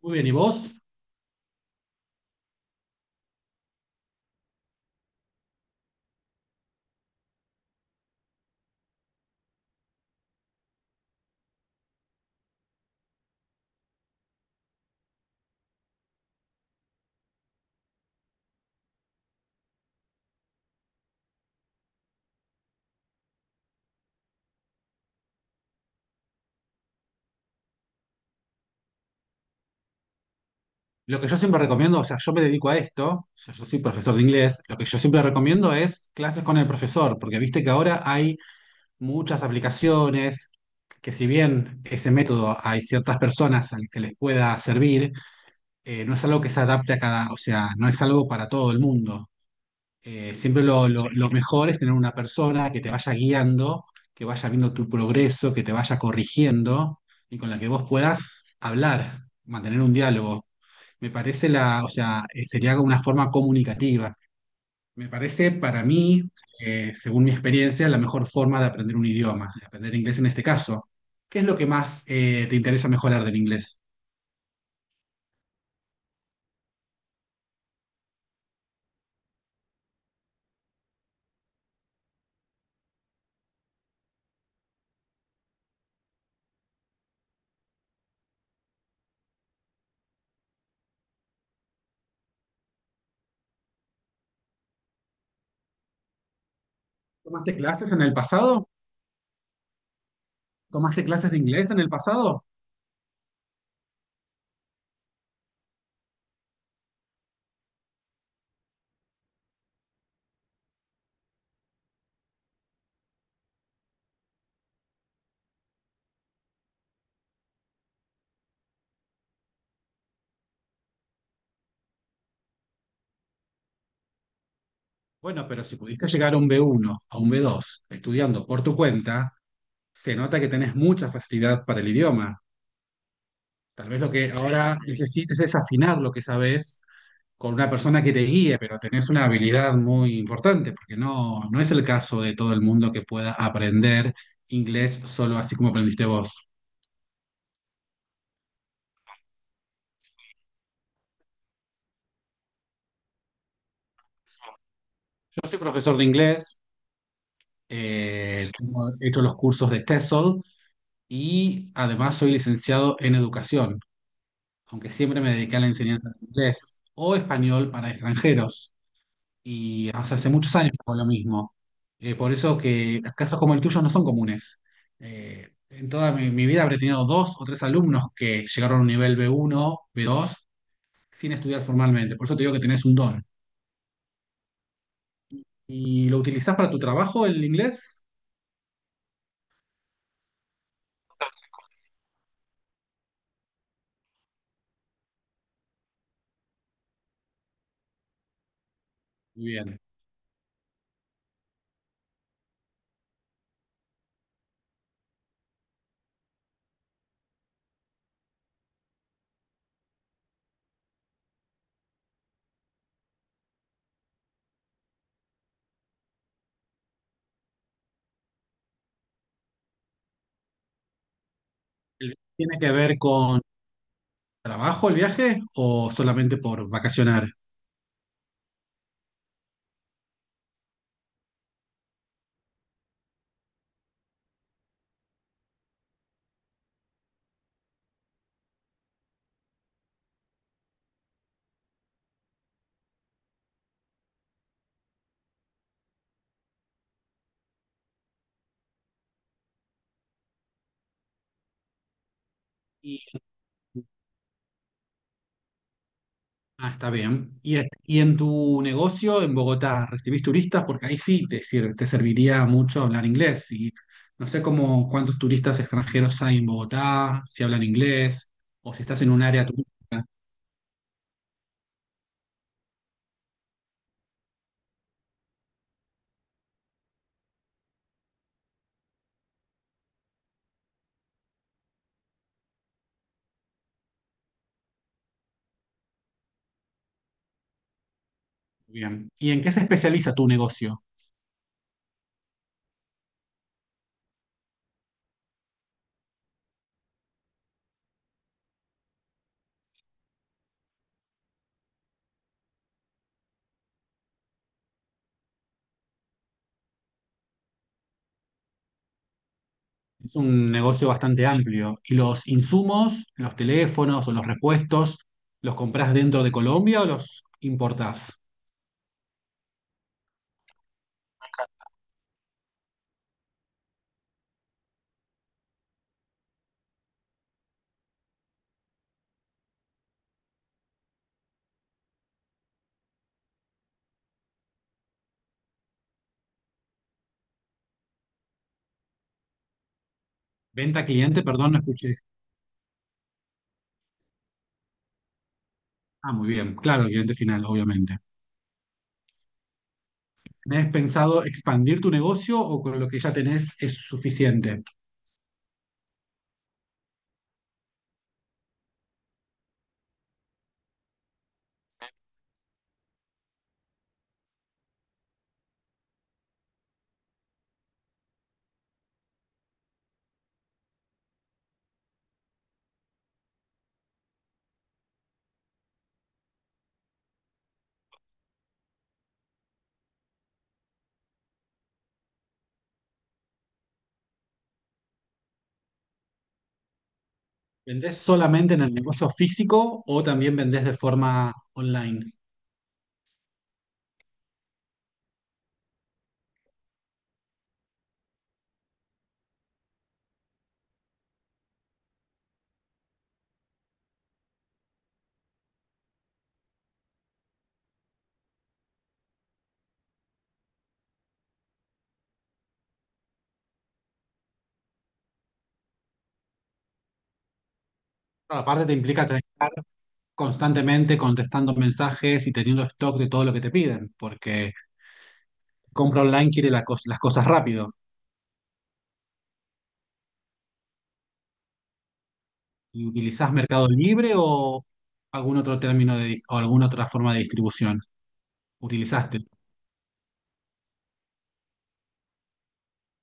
Muy bien, ¿y vos? Lo que yo siempre recomiendo, o sea, yo me dedico a esto, o sea, yo soy profesor de inglés, lo que yo siempre recomiendo es clases con el profesor, porque viste que ahora hay muchas aplicaciones que si bien ese método hay ciertas personas al que les pueda servir, no es algo que se adapte a cada, o sea, no es algo para todo el mundo. Siempre lo mejor es tener una persona que te vaya guiando, que vaya viendo tu progreso, que te vaya corrigiendo y con la que vos puedas hablar, mantener un diálogo. Me parece la, o sea, sería una forma comunicativa. Me parece para mí, según mi experiencia, la mejor forma de aprender un idioma, de aprender inglés en este caso. ¿Qué es lo que más te interesa mejorar del inglés? ¿Tomaste clases en el pasado? ¿Tomaste clases de inglés en el pasado? Bueno, pero si pudiste llegar a un B1, a un B2, estudiando por tu cuenta, se nota que tenés mucha facilidad para el idioma. Tal vez lo que ahora necesites es afinar lo que sabes con una persona que te guíe, pero tenés una habilidad muy importante, porque no, no es el caso de todo el mundo que pueda aprender inglés solo así como aprendiste vos. Yo soy profesor de inglés, he hecho los cursos de TESOL y además soy licenciado en educación, aunque siempre me dediqué a la enseñanza de inglés o español para extranjeros. Y o sea, hace muchos años con lo mismo. Por eso que casos como el tuyo no son comunes. En toda mi vida habré tenido dos o tres alumnos que llegaron a un nivel B1, B2, sin estudiar formalmente. Por eso te digo que tenés un don. ¿Y lo utilizás para tu trabajo el inglés? Muy bien. ¿Tiene que ver con trabajo el viaje o solamente por vacacionar? Ah, está bien. Y en tu negocio en Bogotá recibís turistas? Porque ahí sí te serviría mucho hablar inglés. Y no sé cómo cuántos turistas extranjeros hay en Bogotá, si hablan inglés, o si estás en un área turística. Bien. ¿Y en qué se especializa tu negocio? Es un negocio bastante amplio. ¿Y los insumos, los teléfonos o los repuestos, los compras dentro de Colombia o los importás? Venta a cliente, perdón, no escuché. Ah, muy bien. Claro, el cliente final, obviamente. ¿Tenés pensado expandir tu negocio o con lo que ya tenés es suficiente? ¿Vendés solamente en el negocio físico o también vendés de forma online? Claro, aparte te implica tener constantemente contestando mensajes y teniendo stock de todo lo que te piden, porque compra online quiere las cosas rápido. ¿Y utilizás Mercado Libre o algún otro o alguna otra forma de distribución? Utilizaste.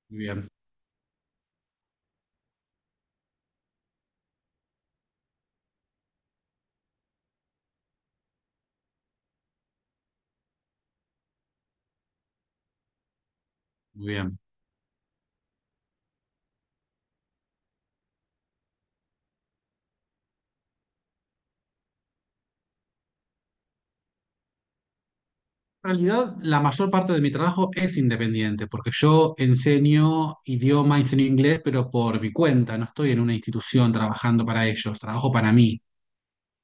Muy bien, muy bien. En realidad, la mayor parte de mi trabajo es independiente, porque yo enseño idioma, enseño inglés, pero por mi cuenta, no estoy en una institución trabajando para ellos, trabajo para mí.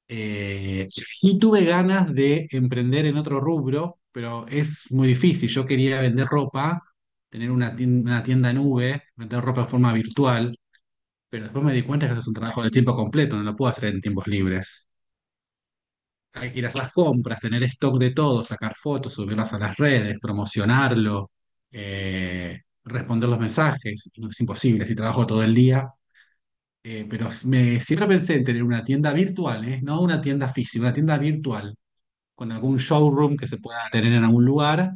Sí tuve ganas de emprender en otro rubro, pero es muy difícil. Yo quería vender ropa, tener una tienda nube, vender ropa en forma virtual, pero después me di cuenta que eso es un trabajo de tiempo completo, no lo puedo hacer en tiempos libres. Hay que ir a hacer las compras, tener stock de todo, sacar fotos, subirlas a las redes, promocionarlo, eh, responder los mensajes. No es imposible, si trabajo todo el día. Pero me, siempre pensé en tener una tienda virtual, ¿eh? No una tienda física, una tienda virtual, con algún showroom que se pueda tener en algún lugar,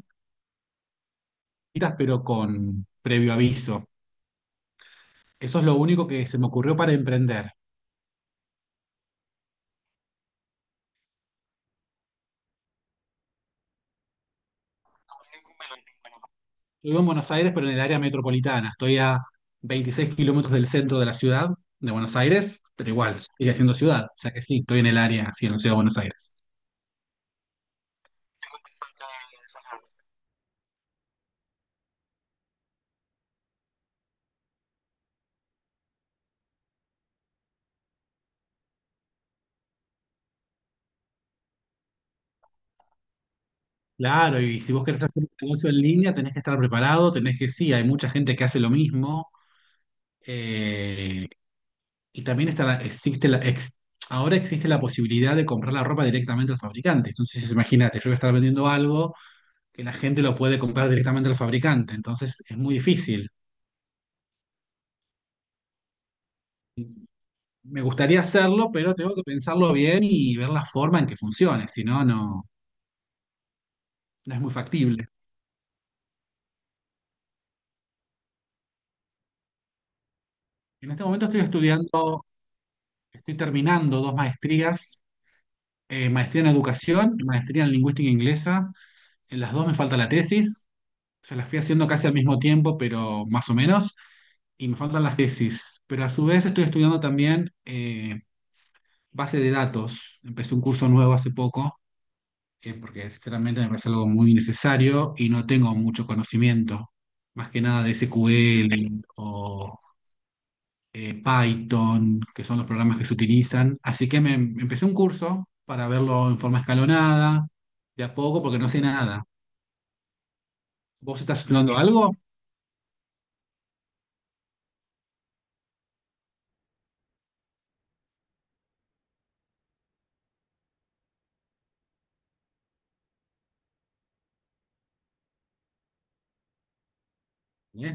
pero con previo aviso. Eso es lo único que se me ocurrió para emprender. Yo vivo en Buenos Aires, pero en el área metropolitana. Estoy a 26 kilómetros del centro de la ciudad de Buenos Aires, pero igual, sigue siendo ciudad. O sea que sí, estoy en el área, sí, en la ciudad de Buenos Aires. Claro, y si vos querés hacer un negocio en línea, tenés que estar preparado, tenés que, sí, hay mucha gente que hace lo mismo. eh, y también existe ahora existe la posibilidad de comprar la ropa directamente al fabricante. Entonces, imagínate, yo voy a estar vendiendo algo que la gente lo puede comprar directamente al fabricante. Entonces, es muy difícil. Me gustaría hacerlo, pero tengo que pensarlo bien y ver la forma en que funcione, si no, no, no es muy factible. En este momento estoy estudiando, estoy terminando 2 maestrías, maestría en educación y maestría en lingüística inglesa. En las dos me falta la tesis, se las fui haciendo casi al mismo tiempo, pero más o menos, y me faltan las tesis. Pero a su vez estoy estudiando también base de datos. Empecé un curso nuevo hace poco porque sinceramente me parece algo muy necesario y no tengo mucho conocimiento, más que nada de SQL o Python, que son los programas que se utilizan. Así que me empecé un curso para verlo en forma escalonada, de a poco, porque no sé nada. ¿Vos estás estudiando algo? ¿Eh?